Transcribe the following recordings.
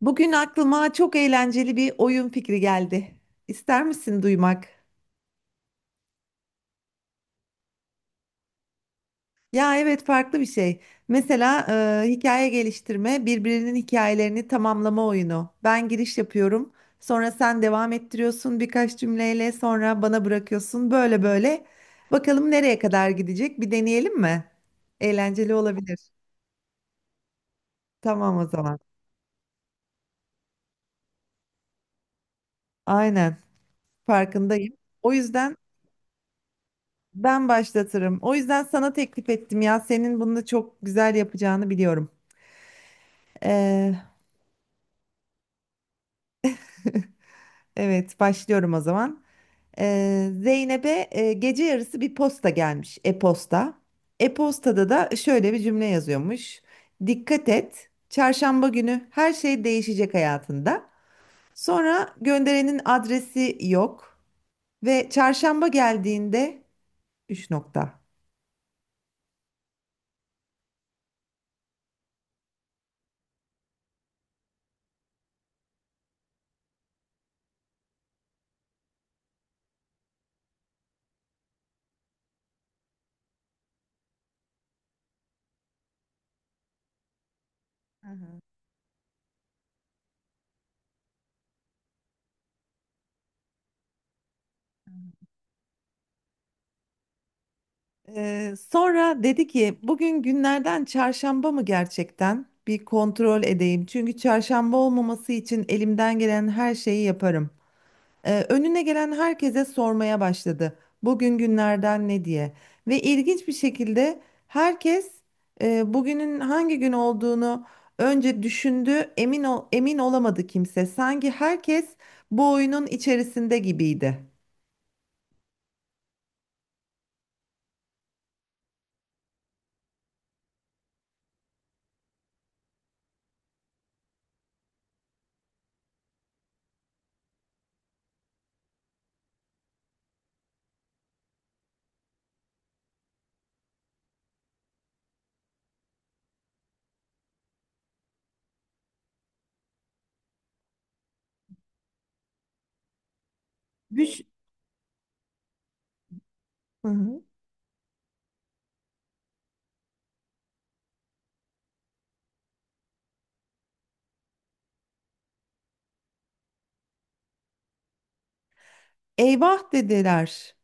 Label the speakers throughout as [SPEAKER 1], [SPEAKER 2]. [SPEAKER 1] Bugün aklıma çok eğlenceli bir oyun fikri geldi. İster misin duymak? Ya evet farklı bir şey. Mesela hikaye geliştirme, birbirinin hikayelerini tamamlama oyunu. Ben giriş yapıyorum, sonra sen devam ettiriyorsun birkaç cümleyle, sonra bana bırakıyorsun. Böyle böyle. Bakalım nereye kadar gidecek? Bir deneyelim mi? Eğlenceli olabilir. Tamam o zaman. Aynen farkındayım. O yüzden ben başlatırım. O yüzden sana teklif ettim ya. Senin bunu da çok güzel yapacağını biliyorum. Ee, evet, başlıyorum o zaman. Zeynep'e gece yarısı bir posta gelmiş. E-posta. E-postada da şöyle bir cümle yazıyormuş. Dikkat et. Çarşamba günü her şey değişecek hayatında. Sonra gönderenin adresi yok ve çarşamba geldiğinde üç nokta. Hı hı. Sonra dedi ki bugün günlerden çarşamba mı gerçekten? Bir kontrol edeyim. Çünkü çarşamba olmaması için elimden gelen her şeyi yaparım. Önüne gelen herkese sormaya başladı. Bugün günlerden ne diye. Ve ilginç bir şekilde herkes bugünün hangi gün olduğunu önce düşündü. Emin ol, emin olamadı kimse. Sanki herkes bu oyunun içerisinde gibiydi. Düş. Hı hı. Eyvah dediler.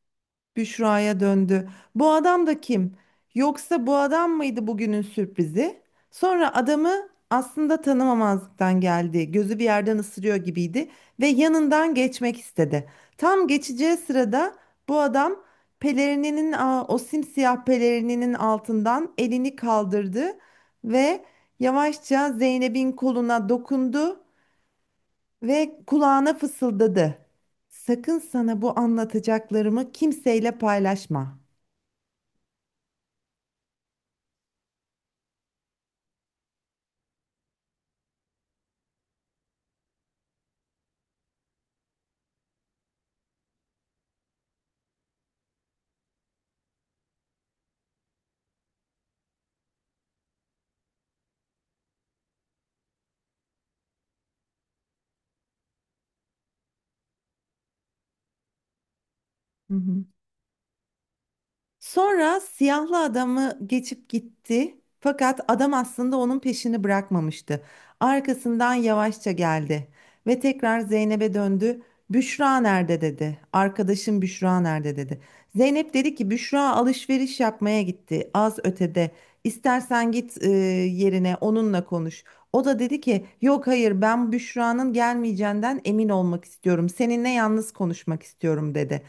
[SPEAKER 1] Büşra'ya döndü. Bu adam da kim? Yoksa bu adam mıydı bugünün sürprizi? Sonra adamı aslında tanımamazlıktan geldi. Gözü bir yerden ısırıyor gibiydi ve yanından geçmek istedi. Tam geçeceği sırada bu adam pelerininin o simsiyah pelerininin altından elini kaldırdı ve yavaşça Zeynep'in koluna dokundu ve kulağına fısıldadı. Sakın sana bu anlatacaklarımı kimseyle paylaşma. Hı hı. Sonra siyahlı adamı geçip gitti. Fakat adam aslında onun peşini bırakmamıştı. Arkasından yavaşça geldi ve tekrar Zeynep'e döndü. Büşra nerede dedi. Arkadaşım Büşra nerede dedi. Zeynep dedi ki Büşra alışveriş yapmaya gitti az ötede. İstersen git yerine onunla konuş. O da dedi ki yok hayır ben Büşra'nın gelmeyeceğinden emin olmak istiyorum. Seninle yalnız konuşmak istiyorum dedi.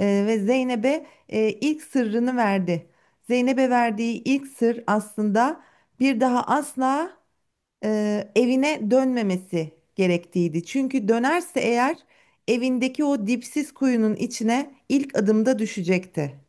[SPEAKER 1] Ve Zeynep'e ilk sırrını verdi. Zeynep'e verdiği ilk sır aslında bir daha asla evine dönmemesi gerektiğiydi. Çünkü dönerse eğer evindeki o dipsiz kuyunun içine ilk adımda düşecekti.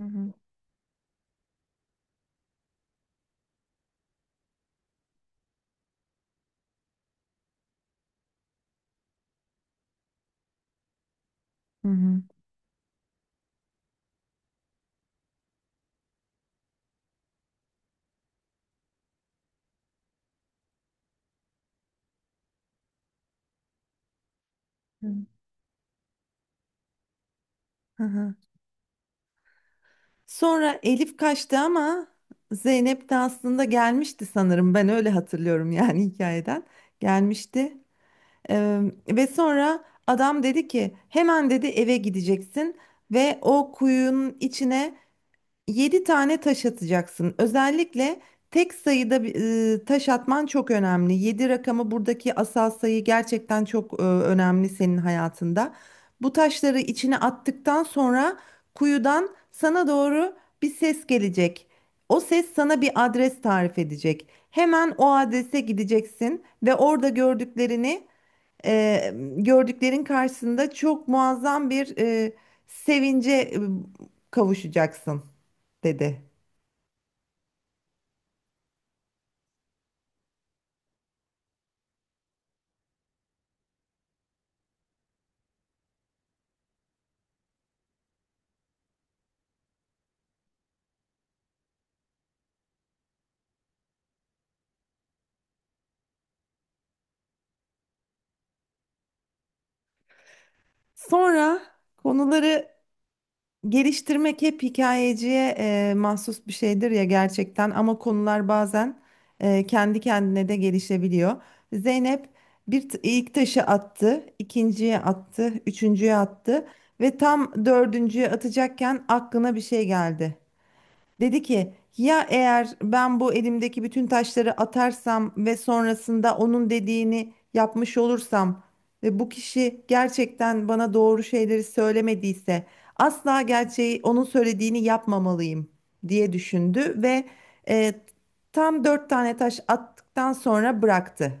[SPEAKER 1] Hı hı. Hı hı. Hı. Hı hı. Sonra Elif kaçtı ama Zeynep de aslında gelmişti sanırım. Ben öyle hatırlıyorum yani hikayeden. Gelmişti. Ee, ve sonra adam dedi ki hemen dedi eve gideceksin ve o kuyunun içine yedi tane taş atacaksın. Özellikle tek sayıda bir, taş atman çok önemli. 7 rakamı buradaki asal sayı gerçekten çok önemli senin hayatında. Bu taşları içine attıktan sonra kuyudan sana doğru bir ses gelecek. O ses sana bir adres tarif edecek. Hemen o adrese gideceksin ve orada e, gördüklerin karşısında çok muazzam bir sevince kavuşacaksın dedi. Sonra konuları geliştirmek hep hikayeciye mahsus bir şeydir ya gerçekten ama konular bazen kendi kendine de gelişebiliyor. Zeynep ilk taşı attı, ikinciye attı, üçüncüye attı ve tam dördüncüye atacakken aklına bir şey geldi. Dedi ki ya eğer ben bu elimdeki bütün taşları atarsam ve sonrasında onun dediğini yapmış olursam ve bu kişi gerçekten bana doğru şeyleri söylemediyse asla gerçeği onun söylediğini yapmamalıyım diye düşündü ve e, tam dört tane taş attıktan sonra bıraktı.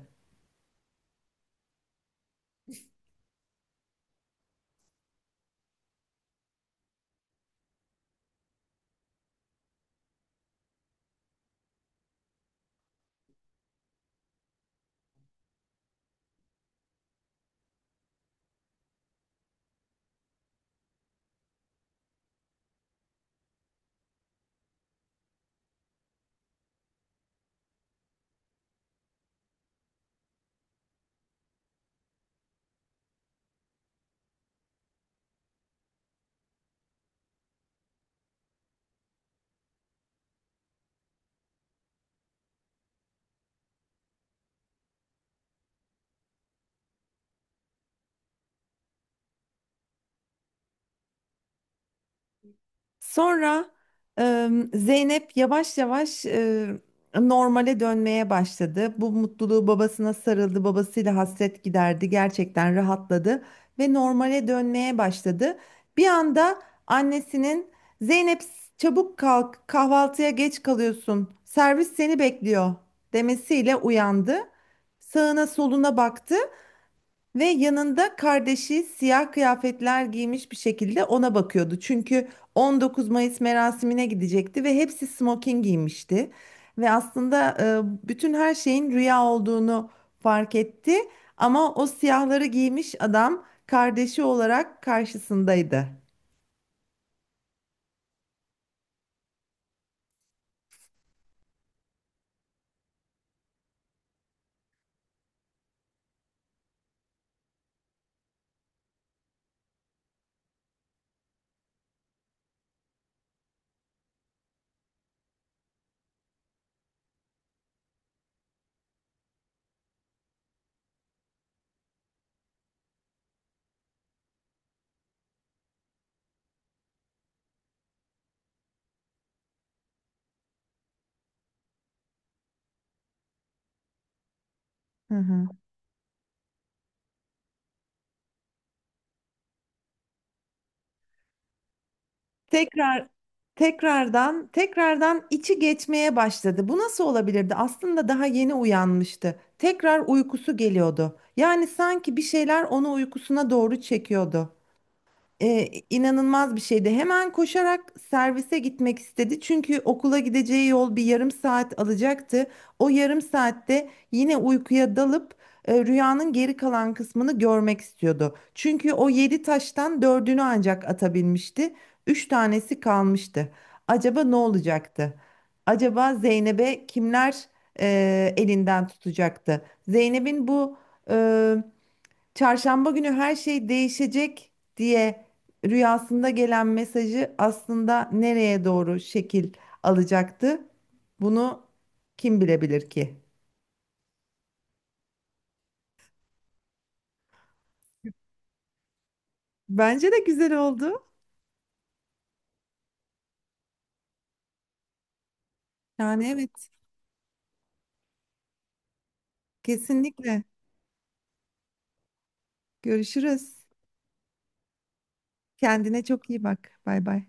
[SPEAKER 1] Sonra Zeynep yavaş yavaş normale dönmeye başladı. Bu mutluluğu babasına sarıldı, babasıyla hasret giderdi, gerçekten rahatladı ve normale dönmeye başladı. Bir anda annesinin Zeynep çabuk kalk, kahvaltıya geç kalıyorsun, servis seni bekliyor demesiyle uyandı. Sağına soluna baktı. Ve yanında kardeşi siyah kıyafetler giymiş bir şekilde ona bakıyordu. Çünkü 19 Mayıs merasimine gidecekti ve hepsi smoking giymişti. Ve aslında bütün her şeyin rüya olduğunu fark etti. Ama o siyahları giymiş adam kardeşi olarak karşısındaydı. Hı hı. Tekrar tekrardan içi geçmeye başladı. Bu nasıl olabilirdi? Aslında daha yeni uyanmıştı. Tekrar uykusu geliyordu. Yani sanki bir şeyler onu uykusuna doğru çekiyordu inanılmaz bir şeydi. Hemen koşarak servise gitmek istedi. Çünkü okula gideceği yol bir yarım saat alacaktı. O yarım saatte yine uykuya dalıp rüyanın geri kalan kısmını görmek istiyordu. Çünkü o yedi taştan dördünü ancak atabilmişti. Üç tanesi kalmıştı. Acaba ne olacaktı? Acaba Zeynep'e kimler elinden tutacaktı? Zeynep'in bu çarşamba günü her şey değişecek diye rüyasında gelen mesajı aslında nereye doğru şekil alacaktı? Bunu kim bilebilir ki? Bence de güzel oldu. Yani evet, kesinlikle. Görüşürüz. Kendine çok iyi bak. Bay bay.